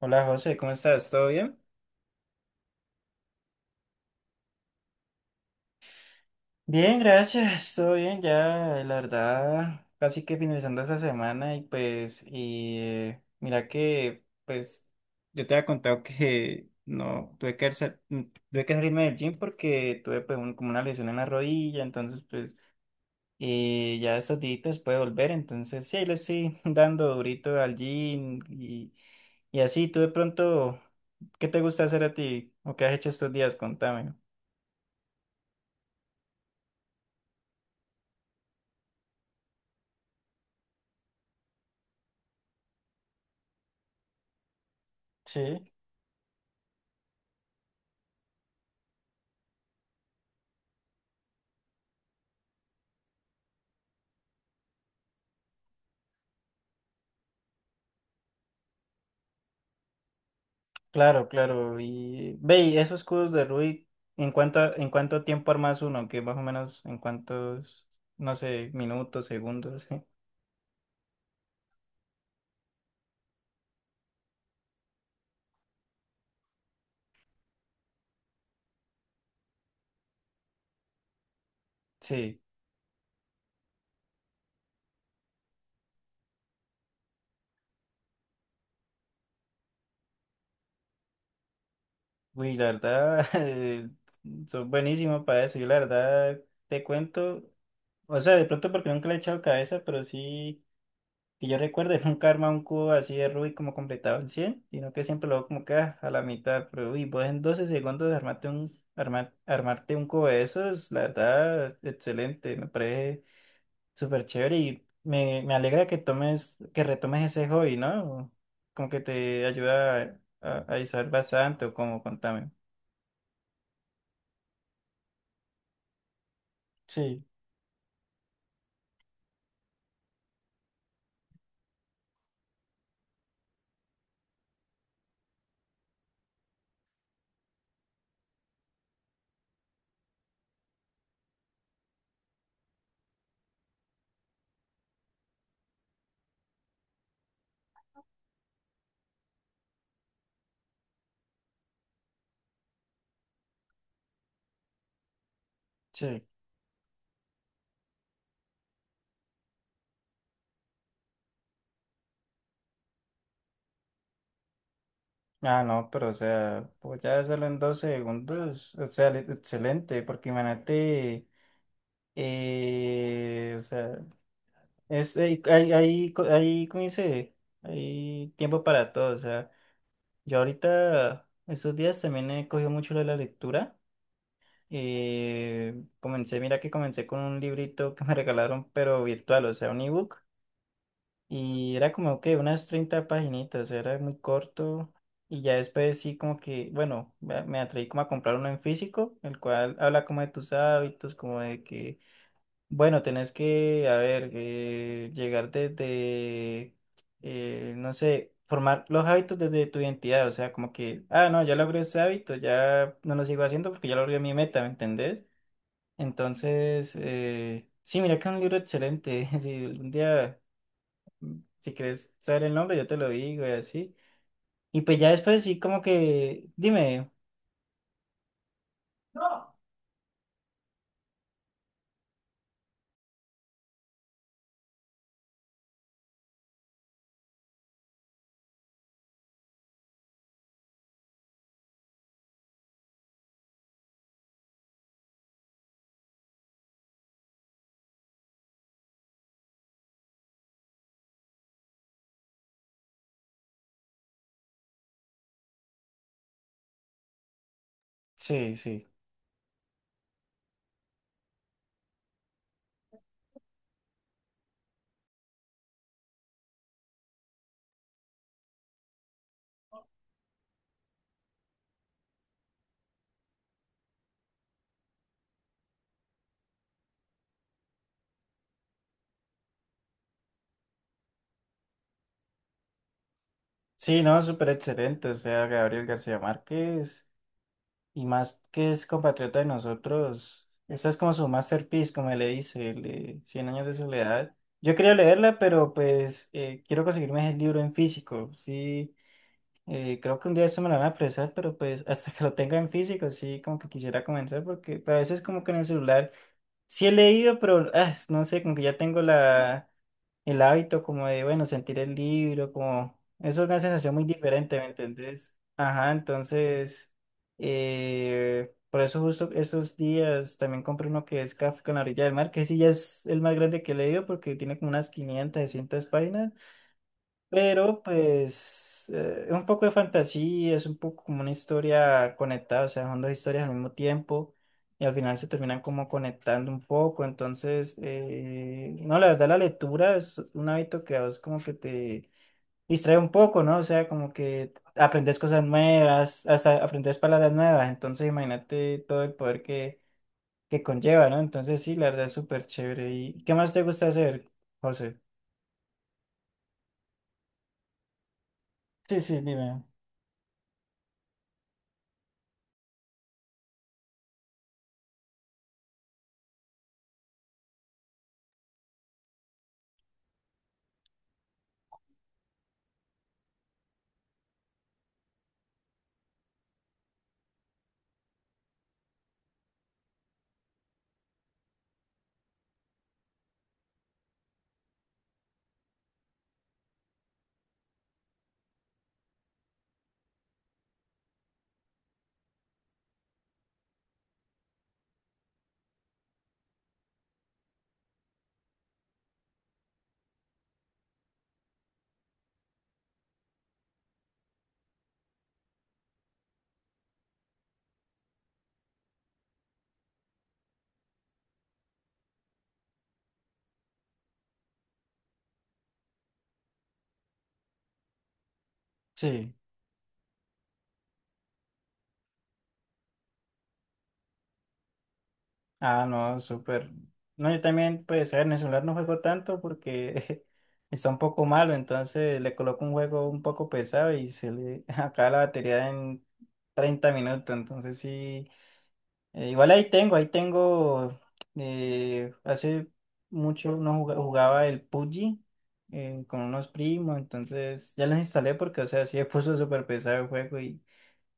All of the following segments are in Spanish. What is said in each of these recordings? Hola José, ¿cómo estás? ¿Todo bien? Bien, gracias, todo bien ya, la verdad, casi que finalizando esta semana y pues, y mira que, pues, yo te había contado que no, tuve que, tuve que salirme del gym porque tuve pues como una lesión en la rodilla, entonces pues, ya estos días puede volver, entonces sí, ahí le estoy dando durito al gym y así, tú de pronto, ¿qué te gusta hacer a ti o qué has hecho estos días? Contame. Sí. Claro, claro. Y ve, y esos cubos de Rubik, ¿en cuánto tiempo armas uno? Que más o menos en cuántos, no sé, minutos, segundos. Sí. Uy, la verdad, son buenísimos para eso. Yo la verdad te cuento, o sea, de pronto porque nunca le he echado cabeza, pero sí. Que yo recuerde, nunca arma un cubo así de Rubik como completado en 100 sino que siempre lo hago como que ah, a la mitad. Pero uy, vos en 12 segundos armarte un, armarte un cubo de esos, la verdad, excelente. Me parece súper chévere y me alegra que tomes, que retomes ese hobby, ¿no? Como que te ayuda a distraer bastante o como, contame. Sí, sí. Ah, no, pero o sea, pues ya hacerlo en 12 segundos, o sea, excelente, porque imagínate. O sea, es, hay, ¿cómo dice? Hay tiempo para todo. O sea, yo ahorita, estos días también he cogido mucho lo de la lectura. Comencé, mira que comencé con un librito que me regalaron, pero virtual, o sea, un ebook. Y era como que unas 30 paginitas, o sea, era muy corto. Y ya después sí como que, bueno, me atreví como a comprar uno en físico, el cual habla como de tus hábitos, como de que bueno, tenés que, a ver, llegar desde, no sé, formar los hábitos desde tu identidad, o sea, como que, ah, no, ya logré ese hábito, ya no lo sigo haciendo porque ya logré mi meta, ¿me entendés? Entonces, sí, mira que es un libro excelente, si un día, si quieres saber el nombre, yo te lo digo y así. Y pues ya después sí, como que, dime. No. Sí, sí. Sí, no, súper excelente, o sea, Gabriel García Márquez. Y más que es compatriota de nosotros, esa es como su masterpiece, como le dice, el de Cien años de soledad. Yo quería leerla, pero pues quiero conseguirme el libro en físico. Sí, creo que un día eso me lo van a prestar, pero pues hasta que lo tenga en físico, sí, como que quisiera comenzar, porque pues, a veces como que en el celular sí he leído, pero ah, no sé, como que ya tengo la, el hábito como de, bueno, sentir el libro, como, eso es una sensación muy diferente, ¿me entendés? Ajá, entonces, por eso justo esos días también compré uno que es Kafka en la orilla del mar, que sí ya es el más grande que he leído porque tiene como unas 500, 600 páginas. Pero pues es un poco de fantasía, es un poco como una historia conectada, o sea, son dos historias al mismo tiempo y al final se terminan como conectando un poco, entonces, no, la verdad la lectura es un hábito que a vos como que te distrae un poco, ¿no? O sea, como que aprendes cosas nuevas, hasta aprendes palabras nuevas, entonces imagínate todo el poder que conlleva, ¿no? Entonces sí, la verdad es súper chévere. ¿Y qué más te gusta hacer, José? Sí, sí, dime. Sí. Ah, no, súper. No, yo también, pues, a ver, en el celular no juego tanto porque está un poco malo, entonces le coloco un juego un poco pesado y se le acaba la batería en 30 minutos, entonces sí. Igual ahí tengo, hace mucho no juga- jugaba el PUBG con unos primos, entonces ya los instalé porque, o sea, sí me puso súper pesado el juego y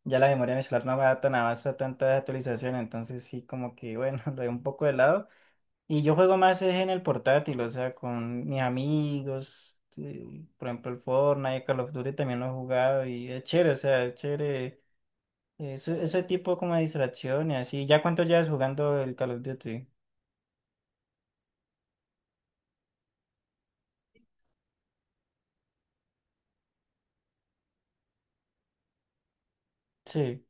ya la memoria muscular no me da tan avance a tantas actualizaciones, entonces sí, como que bueno, lo dejo un poco de lado. Y yo juego más es en el portátil, o sea, con mis amigos, sí, por ejemplo, el Fortnite, Call of Duty también lo he jugado y es chévere, o sea, es chévere. Eso, ese tipo como de distracción y así. ¿Ya cuánto llevas jugando el Call of Duty? Sí,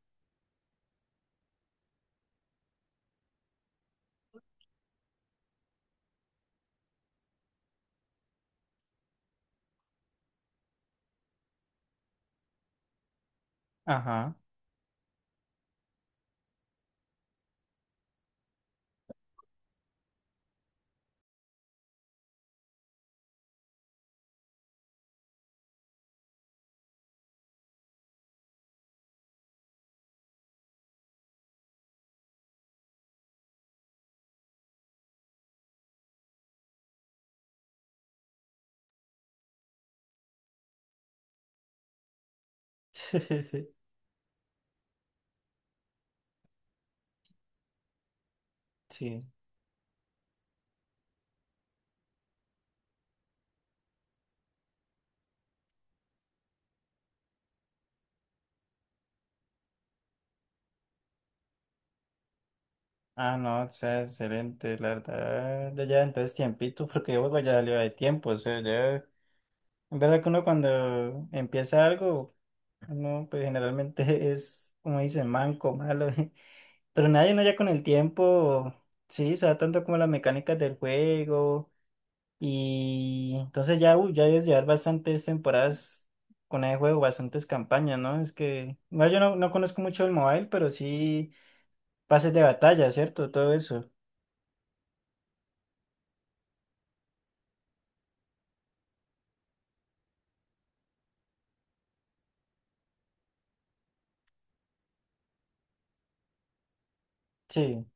ajá. Sí. Ah, no, o sea, excelente, la verdad. Ya lleva entonces tiempito, porque yo juego ya salió de tiempo, o sea, ya. Es verdad que uno cuando empieza algo, uno pues generalmente es, como dicen, manco, malo, pero nadie uno ya con el tiempo, sí, sabe tanto como las mecánicas del juego, y entonces ya, uy, ya debes llevar bastantes temporadas con el juego, bastantes campañas, ¿no? Es que, bueno, yo no, no conozco mucho el mobile, pero sí pases de batalla, ¿cierto? Todo eso. Sí,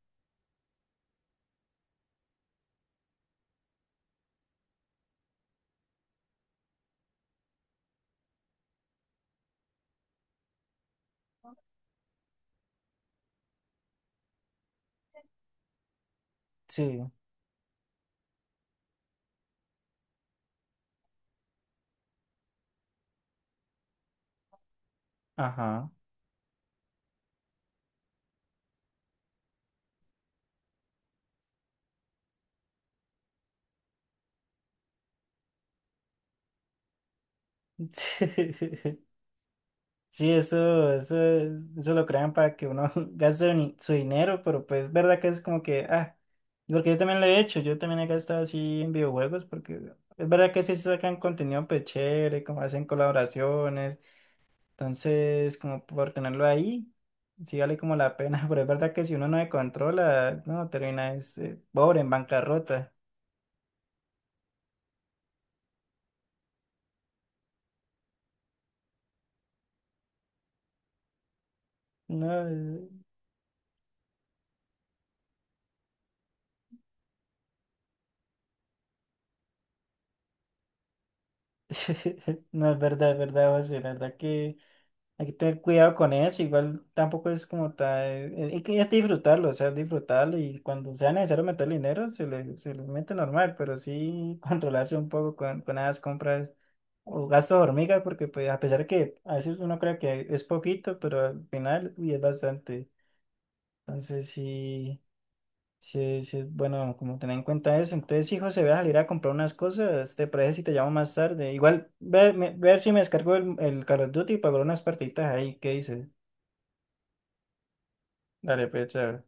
sí, ajá. Sí, eso lo crean para que uno gaste ni- su dinero, pero pues es verdad que es como que, ah, porque yo también lo he hecho, yo también he gastado así en videojuegos, porque es verdad que sí sacan contenido pues chévere, como hacen colaboraciones, entonces como por tenerlo ahí, sí vale como la pena, pero es verdad que si uno no se controla, no, termina es pobre, en bancarrota, no, no, es verdad, José, la verdad que... Hay que tener cuidado con eso, igual tampoco es como tal, hay que es disfrutarlo, o sea, disfrutarlo y cuando sea necesario meter dinero, se le mete normal, pero sí controlarse un poco con esas compras o gastos de hormiga, porque pues a pesar que a veces uno cree que es poquito, pero al final, uy, es bastante. Entonces sí, sí, sí, es bueno, como tener en cuenta eso. Entonces, hijo, se ve a salir a comprar unas cosas, te parece si te llamo más tarde. Igual ver, ver si me descargo el Call of Duty y pagar unas partiditas ahí, ¿qué dices? Dale, pues, chao.